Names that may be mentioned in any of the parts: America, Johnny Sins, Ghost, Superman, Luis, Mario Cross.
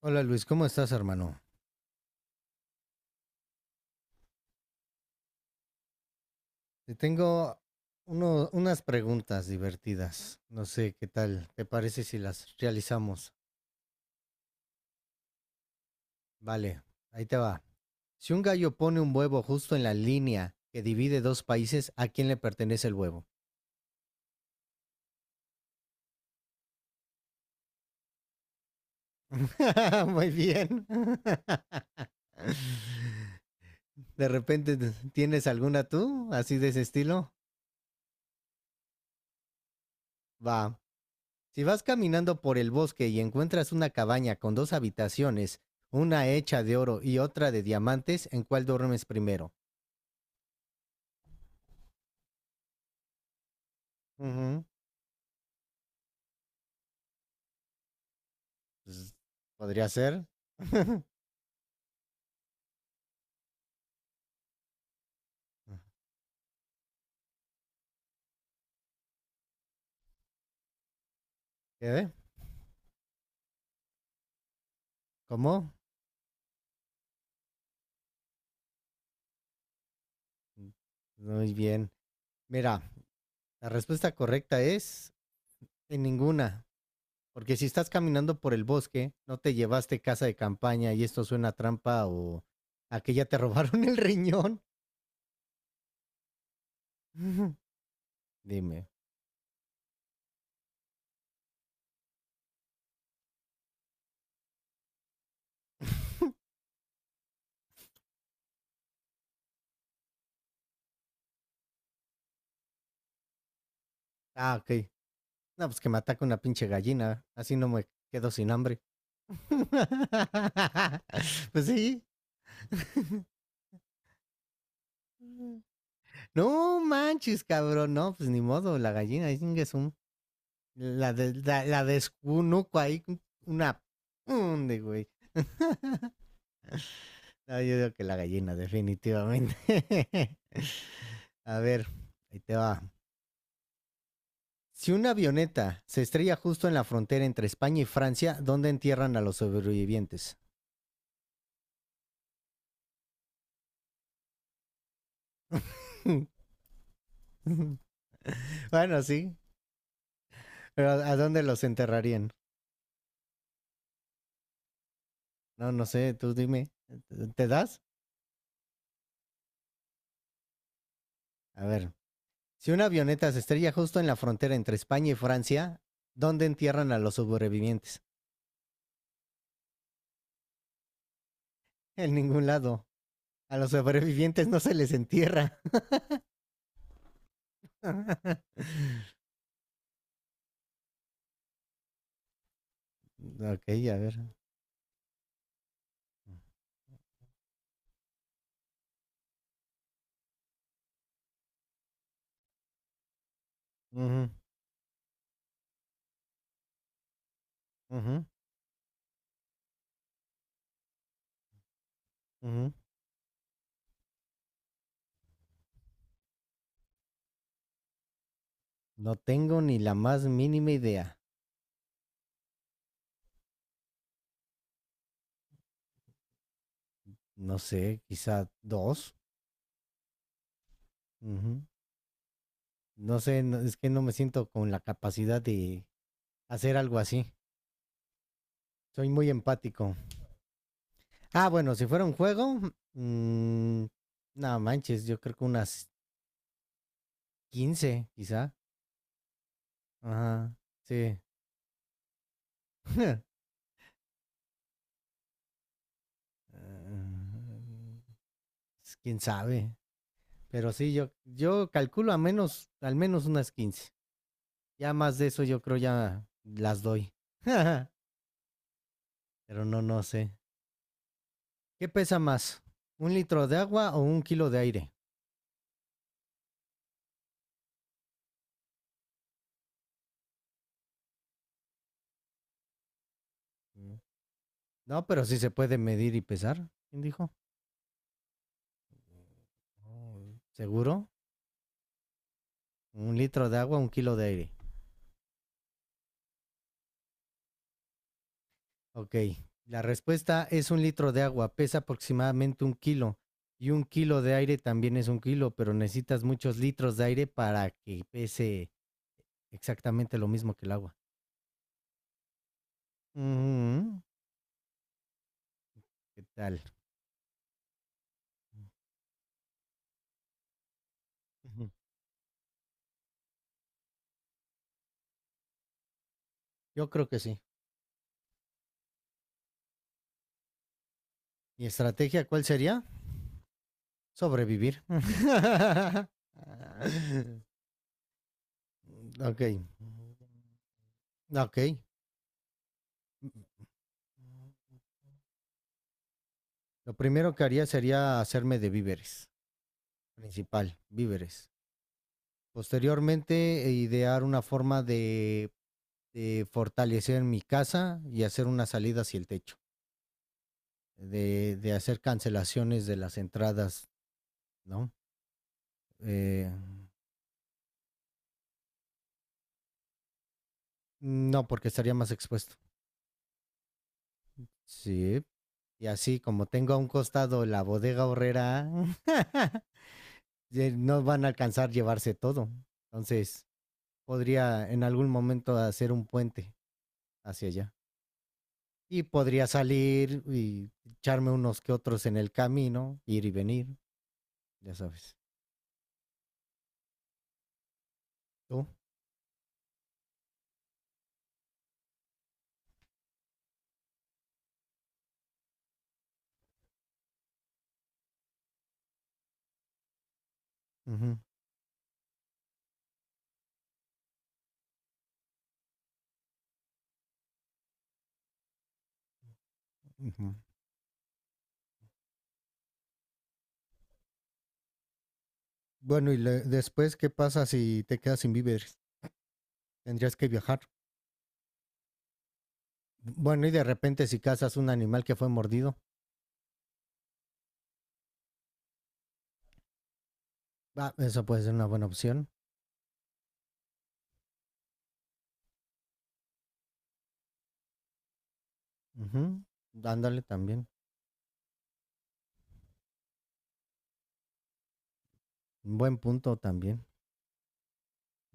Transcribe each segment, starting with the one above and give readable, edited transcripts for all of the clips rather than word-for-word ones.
Hola Luis, ¿cómo estás, hermano? Te tengo unas preguntas divertidas. No sé qué tal. ¿Te parece si las realizamos? Vale, ahí te va. Si un gallo pone un huevo justo en la línea que divide dos países, ¿a quién le pertenece el huevo? Muy bien. ¿De repente tienes alguna tú, así de ese estilo? Va. Si vas caminando por el bosque y encuentras una cabaña con dos habitaciones, una hecha de oro y otra de diamantes, ¿en cuál duermes primero? Ujú, pues, podría ser. ¿Qué? ¿Cómo? Muy bien. Mira, la respuesta correcta es en ninguna. Porque si estás caminando por el bosque, no te llevaste casa de campaña y esto suena a trampa o a que ya te robaron el riñón. Dime. Ah, ok. No, pues que me ataca una pinche gallina. Así no me quedo sin hambre. Pues sí. No manches, cabrón. No, pues ni modo. La gallina, es un. La, de, la descunuco ahí. Una. Hunde, güey. No, yo digo que la gallina, definitivamente. A ver, ahí te va. Si una avioneta se estrella justo en la frontera entre España y Francia, ¿dónde entierran a los sobrevivientes? Bueno, sí, pero ¿a dónde los enterrarían? No, no sé, tú dime. ¿Te das? A ver. Si una avioneta se estrella justo en la frontera entre España y Francia, ¿dónde entierran a los sobrevivientes? En ningún lado. A los sobrevivientes no se les entierra. Ok, a ver. Ujú, ujú, ujú. No tengo ni la más mínima idea. No sé, quizá dos. Ujú. No sé, es que no me siento con la capacidad de hacer algo así. Soy muy empático. Ah, bueno, si fuera un juego, mm, no manches, yo creo que unas 15, quizá. Ajá, sí. Mm, pues, quién sabe. Pero sí, yo calculo a menos, al menos unas 15. Ya más de eso, yo creo ya las doy. Pero no, no sé. ¿Qué pesa más? ¿Un litro de agua o un kilo de aire? Mm. No, pero sí se puede medir y pesar. ¿Quién dijo? Oh. ¿Seguro? Un litro de agua, un kilo de aire. Ok, la respuesta es un litro de agua, pesa aproximadamente un kilo y un kilo de aire también es un kilo, pero necesitas muchos litros de aire para que pese exactamente lo mismo que el agua. Ujú, ¿qué tal? Ujú. Yo creo que sí. ¿Y estrategia cuál sería? Sobrevivir. Ok, ok. Lo primero que haría sería hacerme de víveres, principal, víveres. Posteriormente, e idear una forma de fortalecer mi casa y hacer una salida hacia el techo, de hacer cancelaciones de las entradas, ¿no? Eh, no, porque estaría más expuesto. Sí. Y así como tengo a un costado la bodega horrera, no van a alcanzar llevarse todo. Entonces, podría en algún momento hacer un puente hacia allá. Y podría salir y echarme unos que otros en el camino, ir y venir. Ya sabes. ¿Tú? Ujú, ujú. Bueno, después, ¿qué pasa si te quedas sin víveres? Tendrías que viajar. Bueno, y de repente si cazas un animal que fue mordido, ah, eso puede ser una buena opción. Ujú, ándale también. Buen punto también.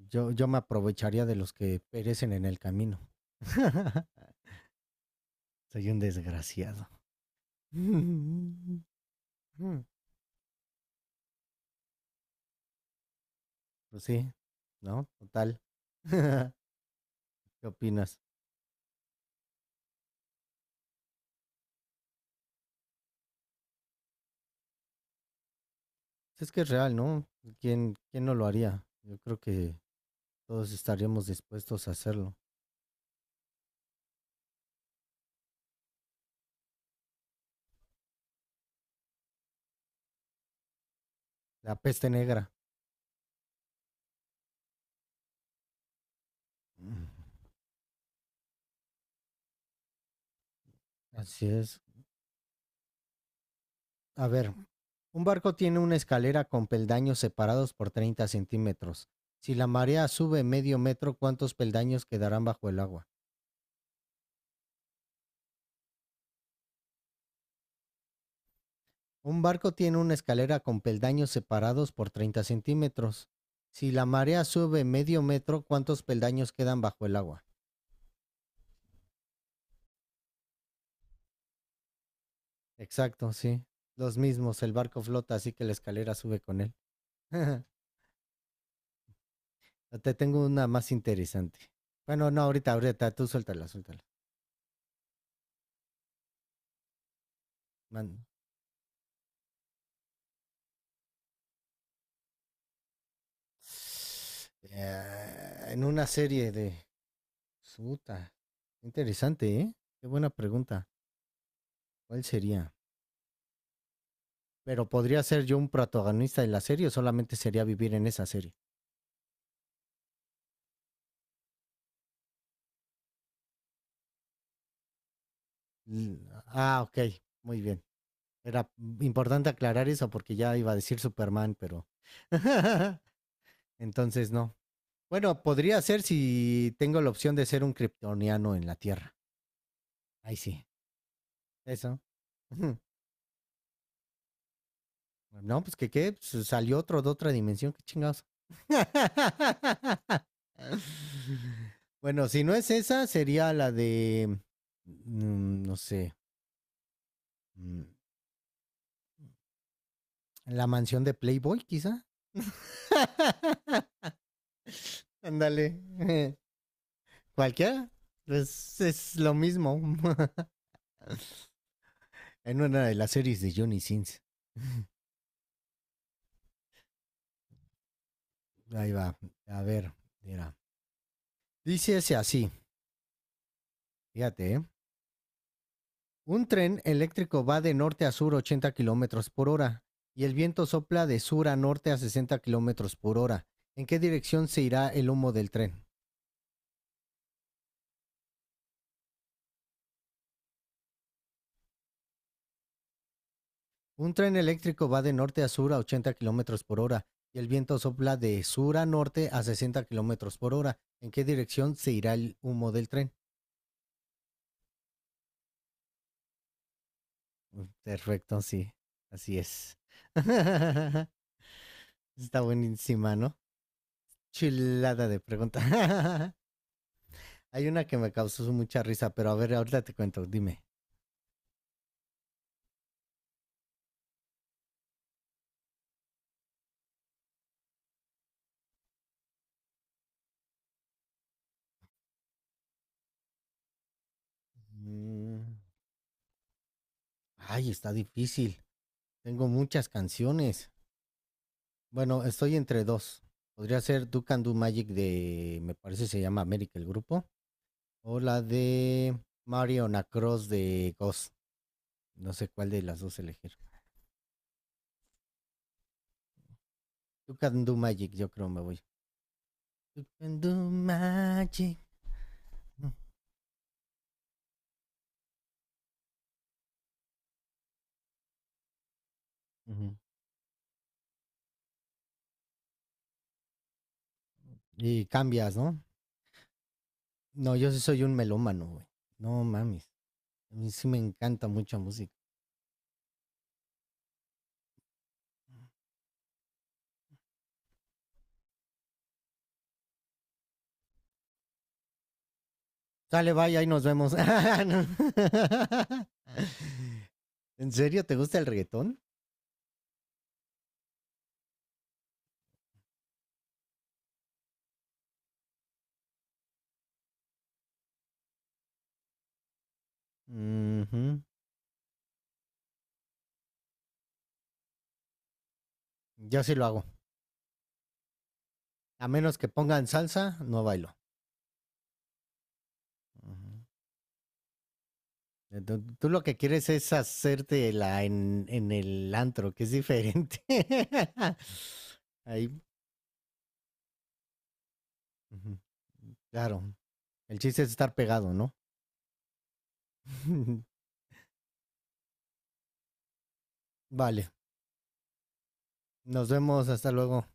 Yo me aprovecharía de los que perecen en el camino. Soy un desgraciado. Mm, mm. Pues sí, ¿no? Total. ¿Qué opinas? Pues es que es real, ¿no? ¿Quién no lo haría? Yo creo que todos estaríamos dispuestos a hacerlo. La peste negra. Así es. A ver, un barco tiene una escalera con peldaños separados por 30 centímetros. Si la marea sube medio metro, ¿cuántos peldaños quedarán bajo el agua? Un barco tiene una escalera con peldaños separados por 30 centímetros. Si la marea sube medio metro, ¿cuántos peldaños quedan bajo el agua? Exacto, sí. Los mismos, el barco flota, así que la escalera sube con él. Te tengo una más interesante. Bueno, no, ahorita, ahorita, tú suéltala, suéltala. Man. En una serie de... Suta. Interesante, ¿eh? Qué buena pregunta. ¿Cuál sería? Pero podría ser yo un protagonista de la serie o solamente sería vivir en esa serie. L- Ah, ok, muy bien. Era importante aclarar eso porque ya iba a decir Superman, pero... Entonces no. Bueno, podría ser si tengo la opción de ser un kryptoniano en la Tierra. Ahí sí. Eso. Ujú. No, pues que qué, pues, salió otro de otra dimensión, qué chingados. Bueno, si no es esa, sería la de, no sé, mm, la mansión de Playboy, quizá. Ándale, cualquiera. Pues, es lo mismo en una de las series de Johnny Sins. Ahí va, a ver, mira. Dice ese así, fíjate, ¿eh? Un tren eléctrico va de norte a sur 80 kilómetros por hora y el viento sopla de sur a norte a 60 kilómetros por hora. ¿En qué dirección se irá el humo del tren? Un tren eléctrico va de norte a sur a 80 kilómetros por hora y el viento sopla de sur a norte a 60 kilómetros por hora. ¿En qué dirección se irá el humo del tren? Perfecto, sí, así es. Está buenísima, ¿no? Chilada de pregunta. Hay una que me causó mucha risa, pero a ver, ahorita te cuento, dime. Mm, Ay, está difícil. Tengo muchas canciones. Bueno, estoy entre dos. Podría ser Do Can Do Magic de, me parece se llama América el grupo, o la de Mario Cross de Ghost. No sé cuál de las dos elegir. Do Can Do Magic, yo creo me voy. Do Can Do Magic. Ujú. Y cambias, ¿no? No, yo sí soy un melómano, güey. No mames. A mí sí me encanta mucha música. Sale, vaya, y nos vemos. No. ¿En serio te gusta el reggaetón? Ujú. Yo sí lo hago. A menos que pongan salsa, no bailo. Ujú. Entonces, tú lo que quieres es hacerte la en, el antro, que es diferente. Ahí, ujú. Claro. El chiste es estar pegado, ¿no? Vale. Nos vemos. Hasta luego.